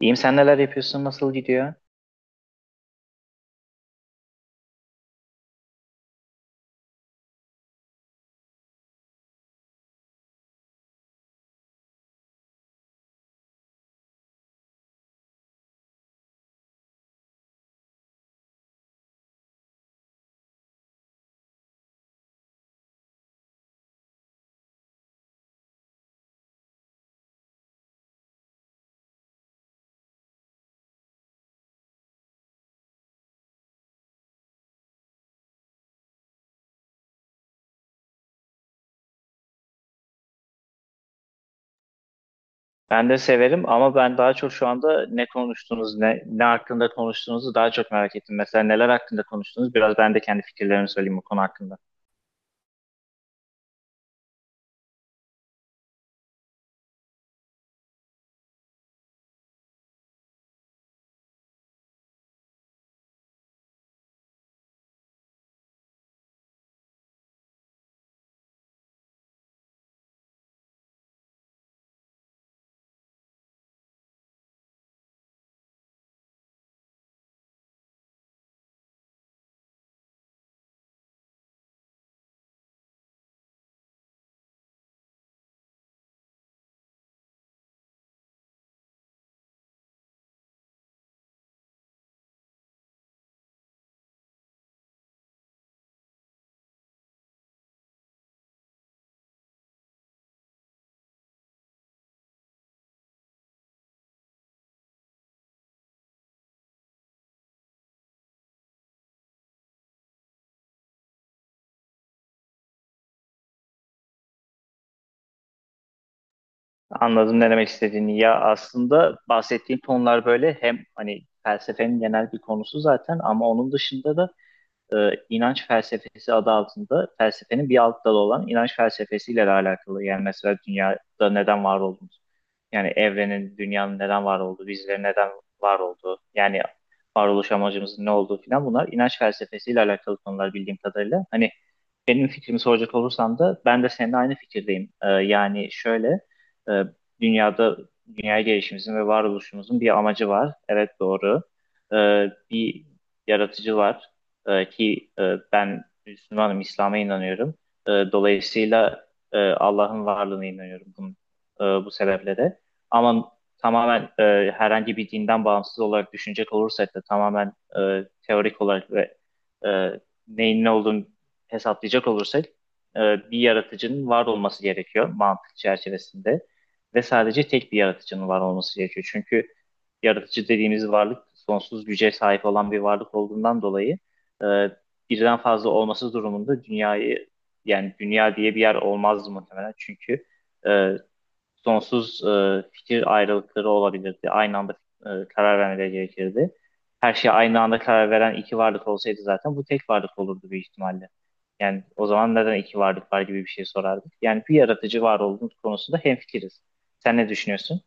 İyiyim sen neler yapıyorsun? Nasıl gidiyor? Ben de severim ama ben daha çok şu anda ne konuştunuz, ne hakkında konuştuğunuzu daha çok merak ettim. Mesela neler hakkında konuştunuz? Biraz ben de kendi fikirlerimi söyleyeyim bu konu hakkında. Anladım ne demek istediğini. Ya aslında bahsettiğin konular böyle hem hani felsefenin genel bir konusu zaten ama onun dışında da e, inanç felsefesi adı altında felsefenin bir alt dalı olan inanç felsefesiyle de alakalı. Yani mesela dünyada neden var olduğumuz, yani evrenin, dünyanın neden var olduğu, bizlerin neden var olduğu, yani varoluş amacımızın ne olduğu filan bunlar inanç felsefesiyle alakalı konular bildiğim kadarıyla. Hani benim fikrimi soracak olursan da ben de seninle aynı fikirdeyim. Yani şöyle e, dünyada dünya gelişimizin ve varoluşumuzun bir amacı var. Evet doğru. Bir yaratıcı var. Ee, ki e, Ben Müslümanım, İslam'a inanıyorum. Dolayısıyla Allah'ın varlığına inanıyorum bunun, bu sebeple de. Ama tamamen herhangi bir dinden bağımsız olarak düşünecek olursak da tamamen teorik olarak ve e, neyin ne olduğunu hesaplayacak olursak bir yaratıcının var olması gerekiyor mantık çerçevesinde ve sadece tek bir yaratıcının var olması gerekiyor. Çünkü yaratıcı dediğimiz varlık sonsuz güce sahip olan bir varlık olduğundan dolayı e, birden fazla olması durumunda dünyayı yani dünya diye bir yer olmaz muhtemelen. Çünkü e, sonsuz fikir ayrılıkları olabilirdi. Aynı anda karar vermeleri gerekirdi. Her şeye aynı anda karar veren iki varlık olsaydı zaten bu tek varlık olurdu büyük ihtimalle. Yani o zaman neden iki varlık var gibi bir şey sorardık. Yani bir yaratıcı var olduğumuz konusunda hemfikiriz. Sen ne düşünüyorsun?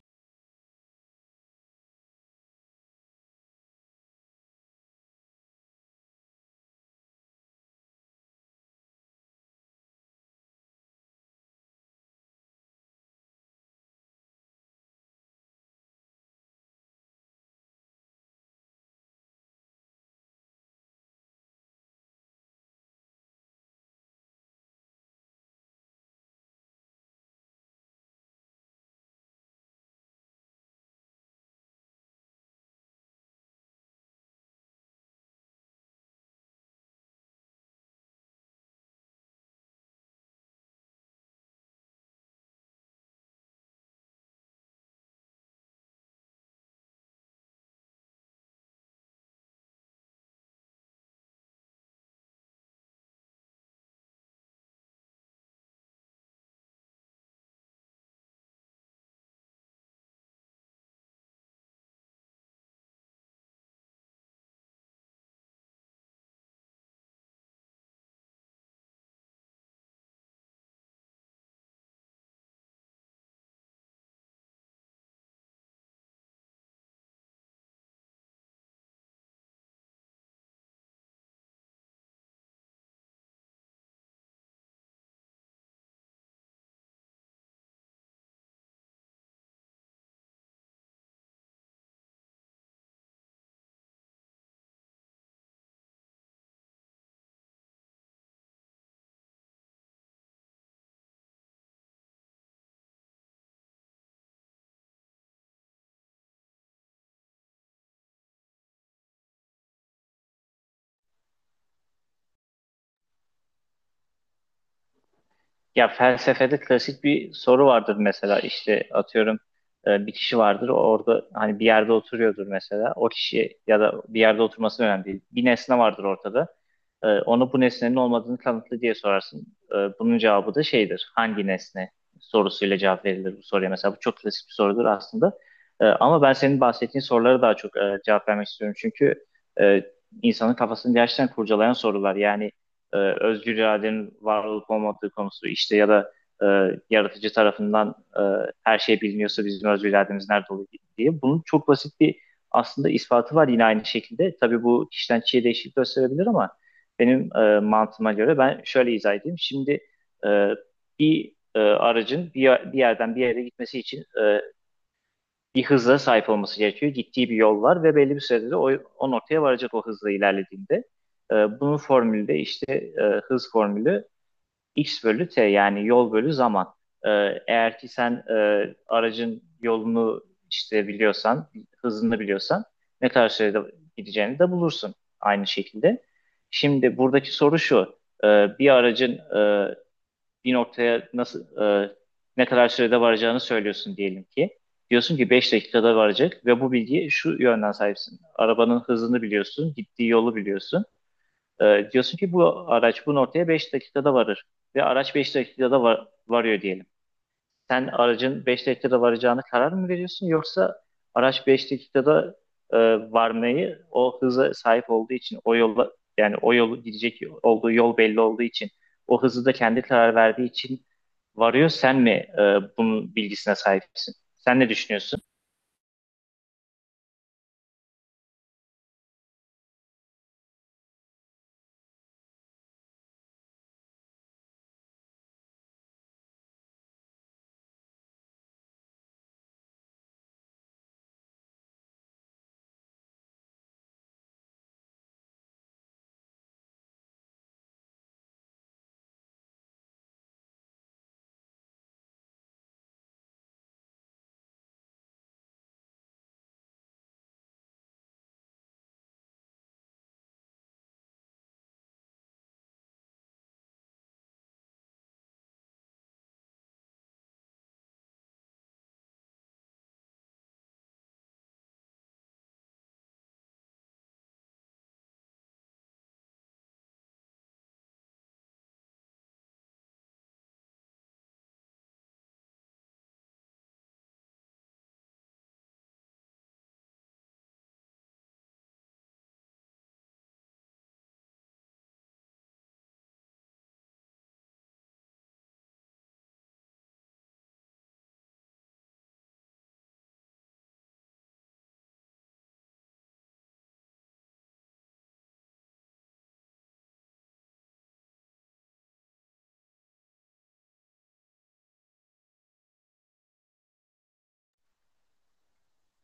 Ya felsefede klasik bir soru vardır mesela işte atıyorum, bir kişi vardır orada hani bir yerde oturuyordur mesela, o kişi ya da bir yerde oturması önemli değil. Bir nesne vardır ortada. Ona bu nesnenin olmadığını kanıtla diye sorarsın. Bunun cevabı da şeydir: hangi nesne sorusuyla cevap verilir bu soruya. Mesela bu çok klasik bir sorudur aslında. Ama ben senin bahsettiğin sorulara daha çok cevap vermek istiyorum. Çünkü e, insanın kafasını gerçekten kurcalayan sorular. Yani özgür iradenin var olup olmadığı konusu işte, ya da e, yaratıcı tarafından her şey biliniyorsa bizim özgür irademiz nerede oluyor diye. Bunun çok basit bir aslında ispatı var yine aynı şekilde. Tabii bu kişiden kişiye değişiklik gösterebilir ama benim mantığıma göre ben şöyle izah edeyim. Şimdi e, bir aracın bir yerden bir yere gitmesi için bir hıza sahip olması gerekiyor. Gittiği bir yol var ve belli bir sürede de o noktaya varacak o hızla ilerlediğinde. E, Bunun formülü de işte, hız formülü x bölü t, yani yol bölü zaman. E, Eğer ki sen aracın yolunu işte biliyorsan, hızını biliyorsan ne kadar sürede gideceğini de bulursun aynı şekilde. Şimdi buradaki soru şu: e, bir aracın e, bir noktaya nasıl, e, ne kadar sürede varacağını söylüyorsun diyelim ki. Diyorsun ki 5 dakikada varacak ve bu bilgiye şu yönden sahipsin. Arabanın hızını biliyorsun, gittiği yolu biliyorsun. Diyorsun ki bu araç bu noktaya 5 dakikada varır ve araç 5 dakikada varıyor diyelim. Sen aracın 5 dakikada varacağına karar mı veriyorsun, yoksa araç 5 dakikada e, varmayı o hıza sahip olduğu için, o yola, yani o yolu gidecek olduğu yol belli olduğu için, o hızı da kendi karar verdiği için varıyor, sen mi e, bunun bilgisine sahipsin? Sen ne düşünüyorsun?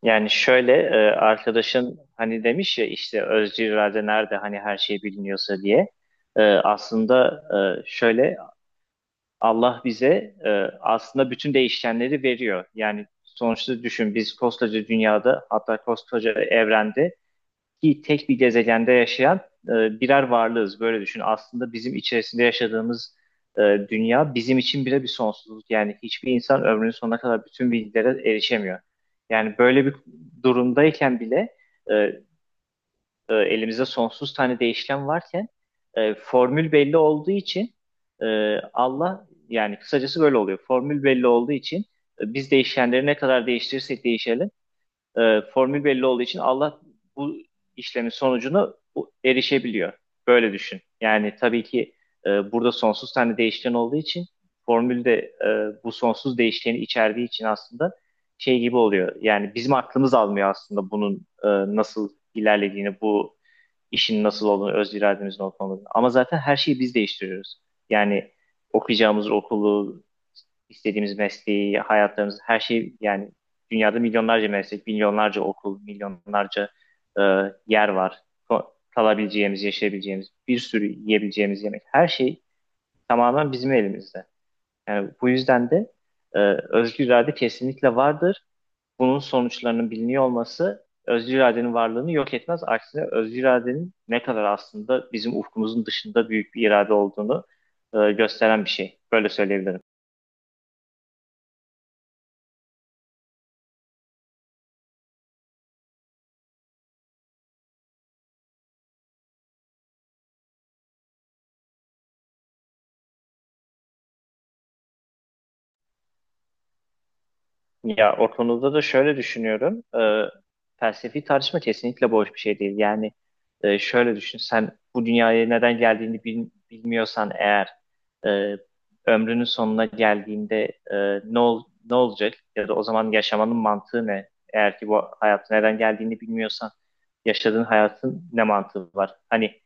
Yani şöyle, arkadaşın hani demiş ya işte özcü irade nerede hani her şey biliniyorsa diye. Aslında şöyle, Allah bize aslında bütün değişkenleri veriyor. Yani sonuçta düşün, biz koskoca dünyada, hatta koskoca evrende ki tek bir gezegende yaşayan e, birer varlığız. Böyle düşün. Aslında bizim içerisinde yaşadığımız e, dünya bizim için bile bir sonsuzluk. Yani hiçbir insan ömrünün sonuna kadar bütün bilgilere erişemiyor. Yani böyle bir durumdayken bile e, elimizde sonsuz tane değişken varken, formül belli olduğu için, Allah, yani kısacası böyle oluyor. Formül belli olduğu için biz değişkenleri ne kadar değiştirirsek değişelim, formül belli olduğu için Allah bu işlemin sonucunu erişebiliyor. Böyle düşün. Yani tabii ki burada sonsuz tane değişken olduğu için, formülde bu sonsuz değişkeni içerdiği için, aslında şey gibi oluyor. Yani bizim aklımız almıyor aslında bunun nasıl ilerlediğini, bu işin nasıl olduğunu, öz irademizin olup olmadığını. Ama zaten her şeyi biz değiştiriyoruz. Yani okuyacağımız okulu, istediğimiz mesleği, hayatlarımız, her şey. Yani dünyada milyonlarca meslek, milyonlarca okul, milyonlarca e, yer var. Ko- Kalabileceğimiz, yaşayabileceğimiz, bir sürü yiyebileceğimiz yemek. Her şey tamamen bizim elimizde. Yani bu yüzden de e, özgür irade kesinlikle vardır, bunun sonuçlarının biliniyor olması özgür iradenin varlığını yok etmez. Aksine özgür iradenin ne kadar aslında bizim ufkumuzun dışında büyük bir irade olduğunu gösteren bir şey. Böyle söyleyebilirim. Ya o konuda da şöyle düşünüyorum. Felsefi tartışma kesinlikle boş bir şey değil. Yani şöyle düşün. Sen bu dünyaya neden geldiğini bilmiyorsan eğer, e, ömrünün sonuna geldiğinde e, ne ol- ne olacak? Ya da o zaman yaşamanın mantığı ne? Eğer ki bu hayatı neden geldiğini bilmiyorsan yaşadığın hayatın ne mantığı var? Hani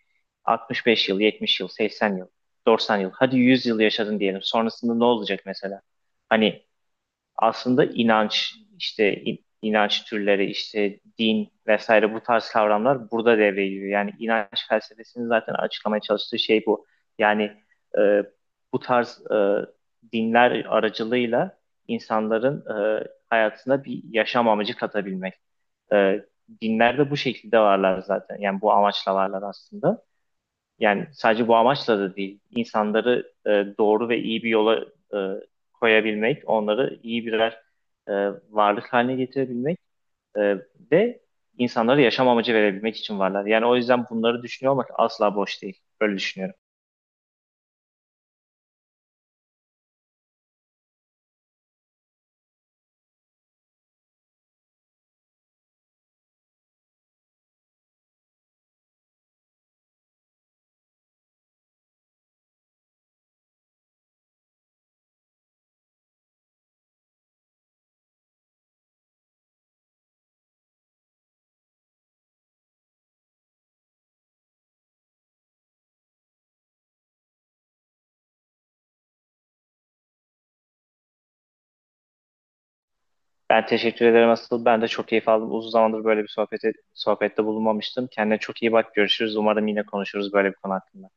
65 yıl, 70 yıl, 80 yıl, 90 yıl, hadi 100 yıl yaşadın diyelim. Sonrasında ne olacak mesela? Hani aslında inanç, işte inanç türleri, işte din vesaire, bu tarz kavramlar burada devreye giriyor. Yani inanç felsefesinin zaten açıklamaya çalıştığı şey bu. Yani e, bu tarz dinler aracılığıyla insanların hayatına bir yaşam amacı katabilmek. E, Dinler de bu şekilde varlar zaten. Yani bu amaçla varlar aslında. Yani sadece bu amaçla da değil, insanları doğru ve iyi bir yola e, koyabilmek, onları iyi birer e, varlık haline getirebilmek e, ve insanlara yaşam amacı verebilmek için varlar. Yani o yüzden bunları düşünüyor olmak asla boş değil. Böyle düşünüyorum. Ben teşekkür ederim asıl. Ben de çok keyif aldım. Uzun zamandır böyle bir sohbette bulunmamıştım. Kendine çok iyi bak. Görüşürüz. Umarım yine konuşuruz böyle bir konu hakkında.